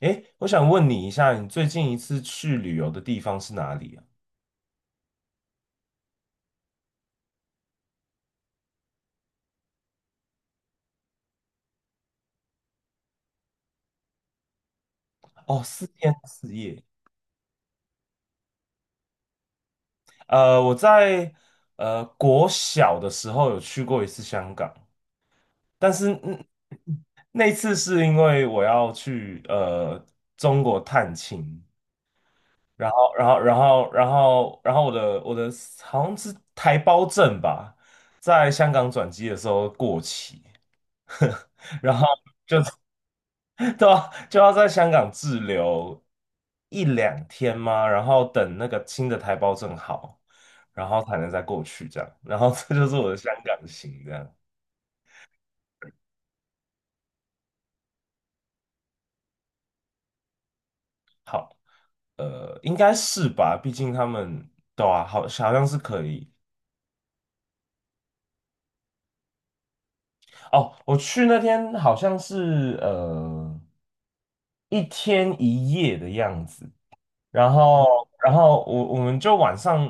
诶，我想问你一下，你最近一次去旅游的地方是哪里啊？哦，四天四夜。我在国小的时候有去过一次香港，但是那次是因为我要去中国探亲，然后我的好像是台胞证吧，在香港转机的时候过期，然后。就。对啊，就要在香港滞留一两天吗？然后等那个新的台胞证好，然后才能再过去这样。然后这就是我的香港行这样。好，应该是吧，毕竟他们对啊，好，好像是可以。哦，我去那天好像是一天一夜的样子。然后，然后我们就晚上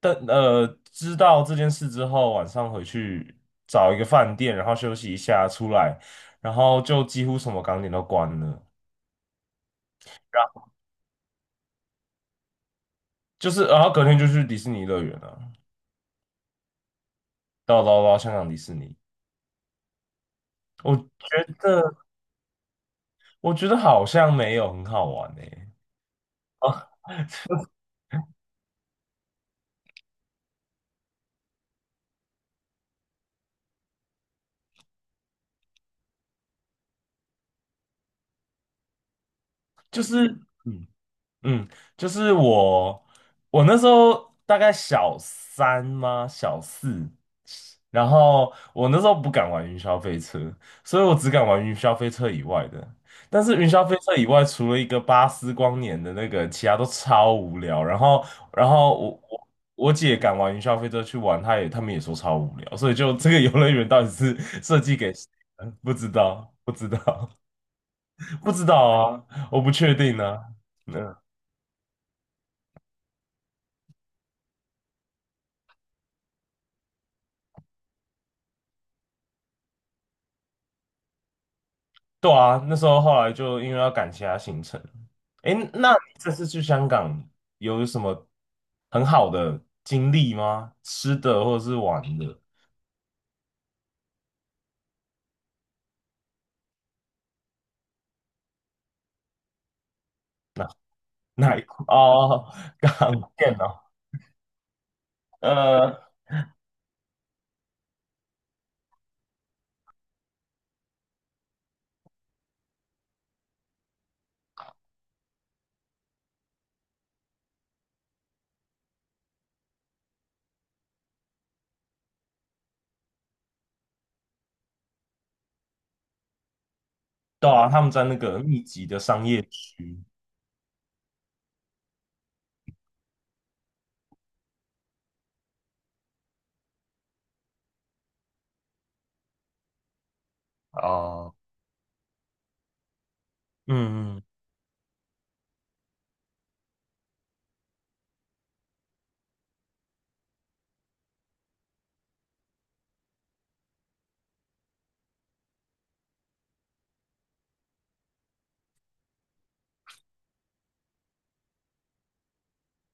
的知道这件事之后，晚上回去找一个饭店，然后休息一下，出来，然后就几乎什么港点都关了，然后就是，然后隔天就去迪士尼乐园了，到香港迪士尼，我觉得我觉得好像没有很好玩诶、就是。嗯。嗯，就是我，我那时候大概小三吗？小四，然后我那时候不敢玩云霄飞车，所以我只敢玩云霄飞车以外的。但是云霄飞车以外，除了一个巴斯光年的那个，其他都超无聊。然后，然后我我姐敢玩云霄飞车去玩，她也他们也说超无聊，所以就这个游乐园到底是设计给谁的不知道，不知道，不知道啊，我不确定啊。嗯对啊，那时候后来就因为要赶其他行程。诶，那你这次去香港有什么很好的经历吗？吃的或者是玩的？哪哪一块？哦，港片哦，呃，对啊，他们在那个密集的商业区，哦，嗯嗯，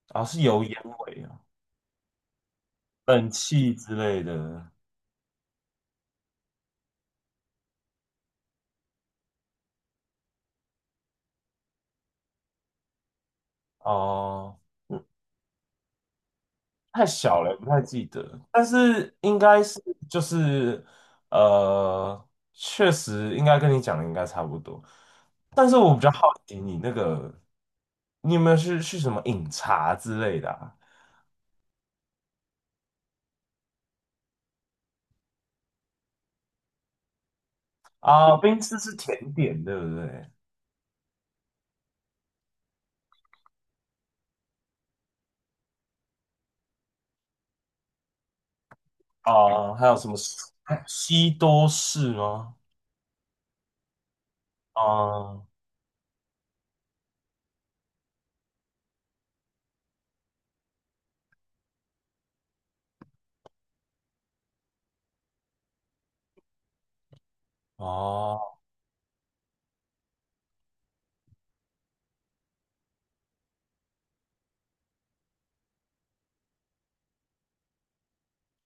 啊、是油烟味啊，冷气之类的，哦。太小了，不太记得，但是应该是就是确实应该跟你讲的应该差不多。但是我比较好奇你那个，你有没有去去什么饮茶之类的啊？啊，冰丝是甜点，对不对？啊，还有什么西西多士吗？啊，哦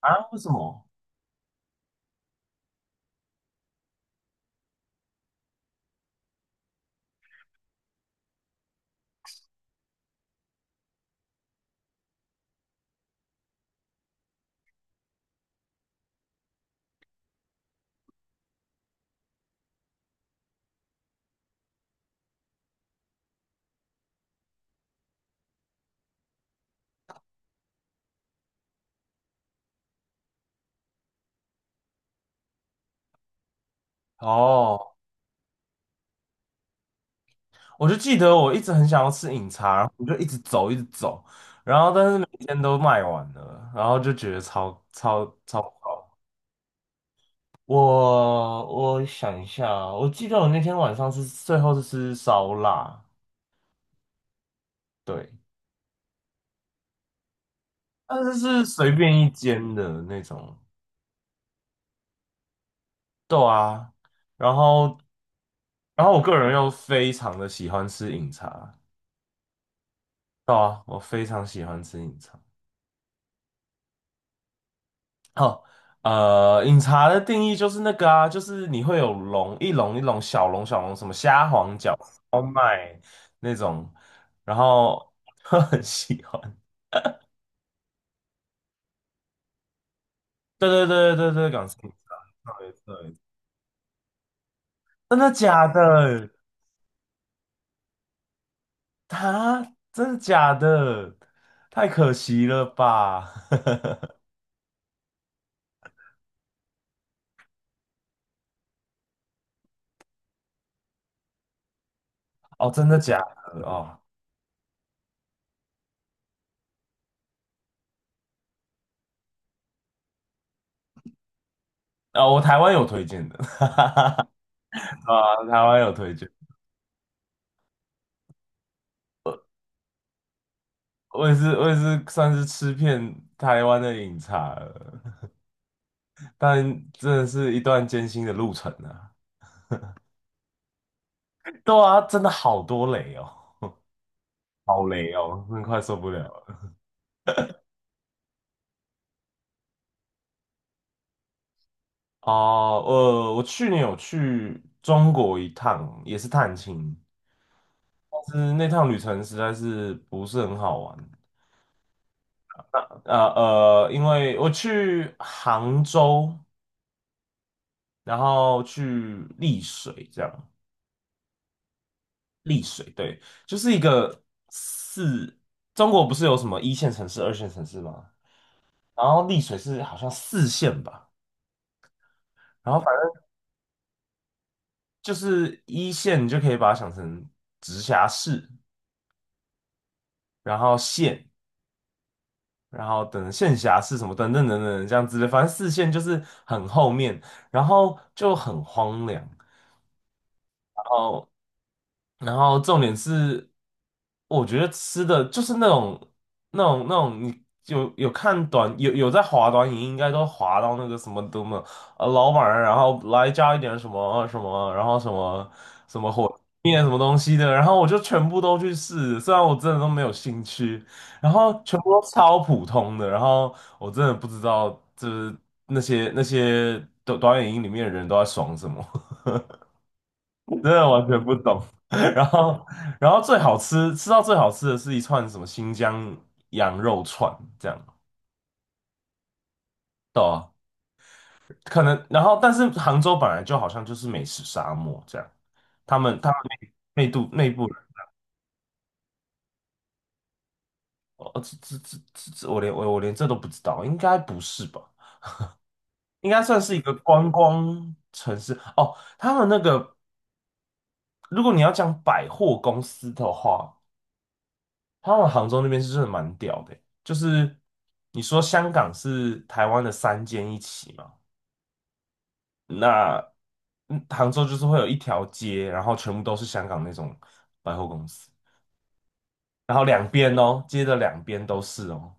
啊，为什么？哦。我就记得我一直很想要吃饮茶，然后我就一直走，一直走，然后但是每天都卖完了，然后就觉得超超超。我我想一下啊我记得我那天晚上是最后是吃烧腊，对，但是是随便一间的那种，对啊。然后我个人又非常的喜欢吃饮茶，对啊，我非常喜欢吃饮茶。哦，饮茶的定义就是那个啊，就是你会有龙，一笼一笼小笼小笼，什么虾皇饺、烧麦那种，然后 很喜欢。对对对对对，港式饮茶，对对，真的假的？他真的假的？太可惜了吧？哦，真的假的？哦，啊、我台湾有推荐的，啊，台湾有推荐。我也是，我也是算是吃遍台湾的饮茶了，但真的是一段艰辛的路程啊。对啊，真的好多雷哦，好雷哦，真的快受不了了。哦，我去年有去中国一趟，也是探亲，但是那趟旅程实在是不是很好玩。因为我去杭州，然后去丽水这样。丽水，对，就是一个四，中国不是有什么一线城市、二线城市吗？然后丽水是好像四线吧，然后反正就是一线，你就可以把它想成直辖市，然后县，然后等县辖市什么等等等等这样子的，反正四线就是很后面，然后就很荒凉。然后重点是，我觉得吃的就是那种、那种、那种，你有有看短有有在滑短影，应该都滑到那个什么的嘛，老板啊，然后来加一点什么什么，然后什么什么火面什么东西的，然后我就全部都去试，虽然我真的都没有兴趣，然后全部都超普通的，然后我真的不知道，就是那些那些短短影音里面的人都在爽什么。真的完全不懂。然后，然后最好吃，吃到最好吃的是一串什么新疆羊肉串，这样，对啊可能，然后，但是杭州本来就好像就是美食沙漠这样，他们内部人哦，这我连我连这都不知道，应该不是吧？应该算是一个观光城市哦。他们那个，如果你要讲百货公司的话，他们杭州那边是真的蛮屌的欸就是你说香港是台湾的三间一起嘛，那杭州就是会有一条街，然后全部都是香港那种百货公司，然后两边哦，街的两边都是哦，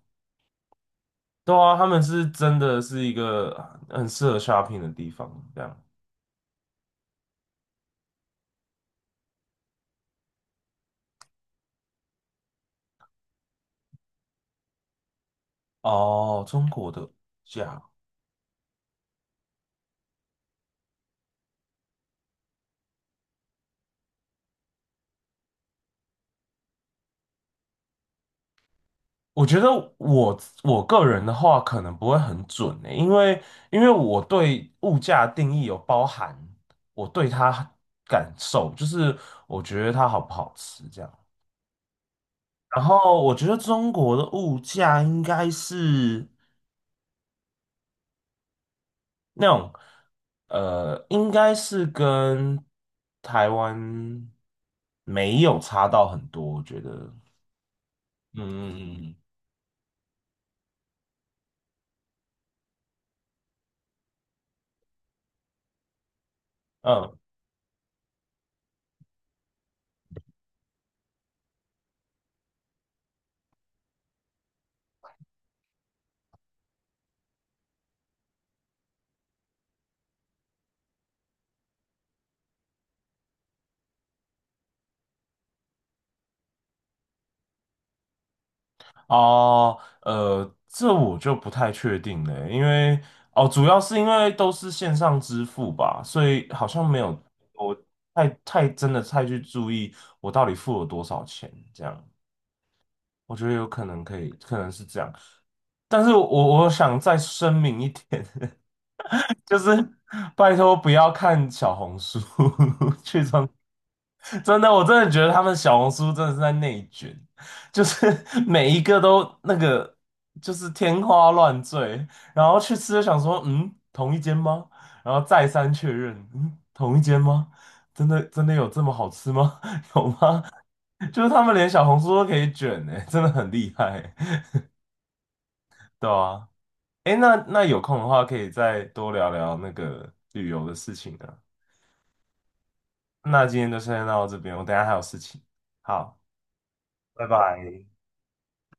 对啊，他们是真的是一个很适合 shopping 的地方，这样哦，中国的假我觉得我个人的话可能不会很准呢、因为因为我对物价的定义有包含我对它感受，就是我觉得它好不好吃这样。然后我觉得中国的物价应该是那种应该是跟台湾没有差到很多，我觉得。嗯嗯嗯嗯。嗯哦，这我就不太确定了，因为哦，主要是因为都是线上支付吧，所以好像没有我太太真的太去注意我到底付了多少钱，这样我觉得有可能可以，可能是这样，但是我想再声明一点，就是拜托不要看小红书，去中真的，我真的觉得他们小红书真的是在内卷，就是 每一个都那个就是天花乱坠，然后去吃就想说，嗯，同一间吗？然后再三确认，嗯，同一间吗？真的真的有这么好吃吗？有吗？就是他们连小红书都可以卷呢、真的很厉害欸、对啊，哎，那那有空的话可以再多聊聊那个旅游的事情啊。那今天就先到这边，我等一下还有事情。好，拜拜。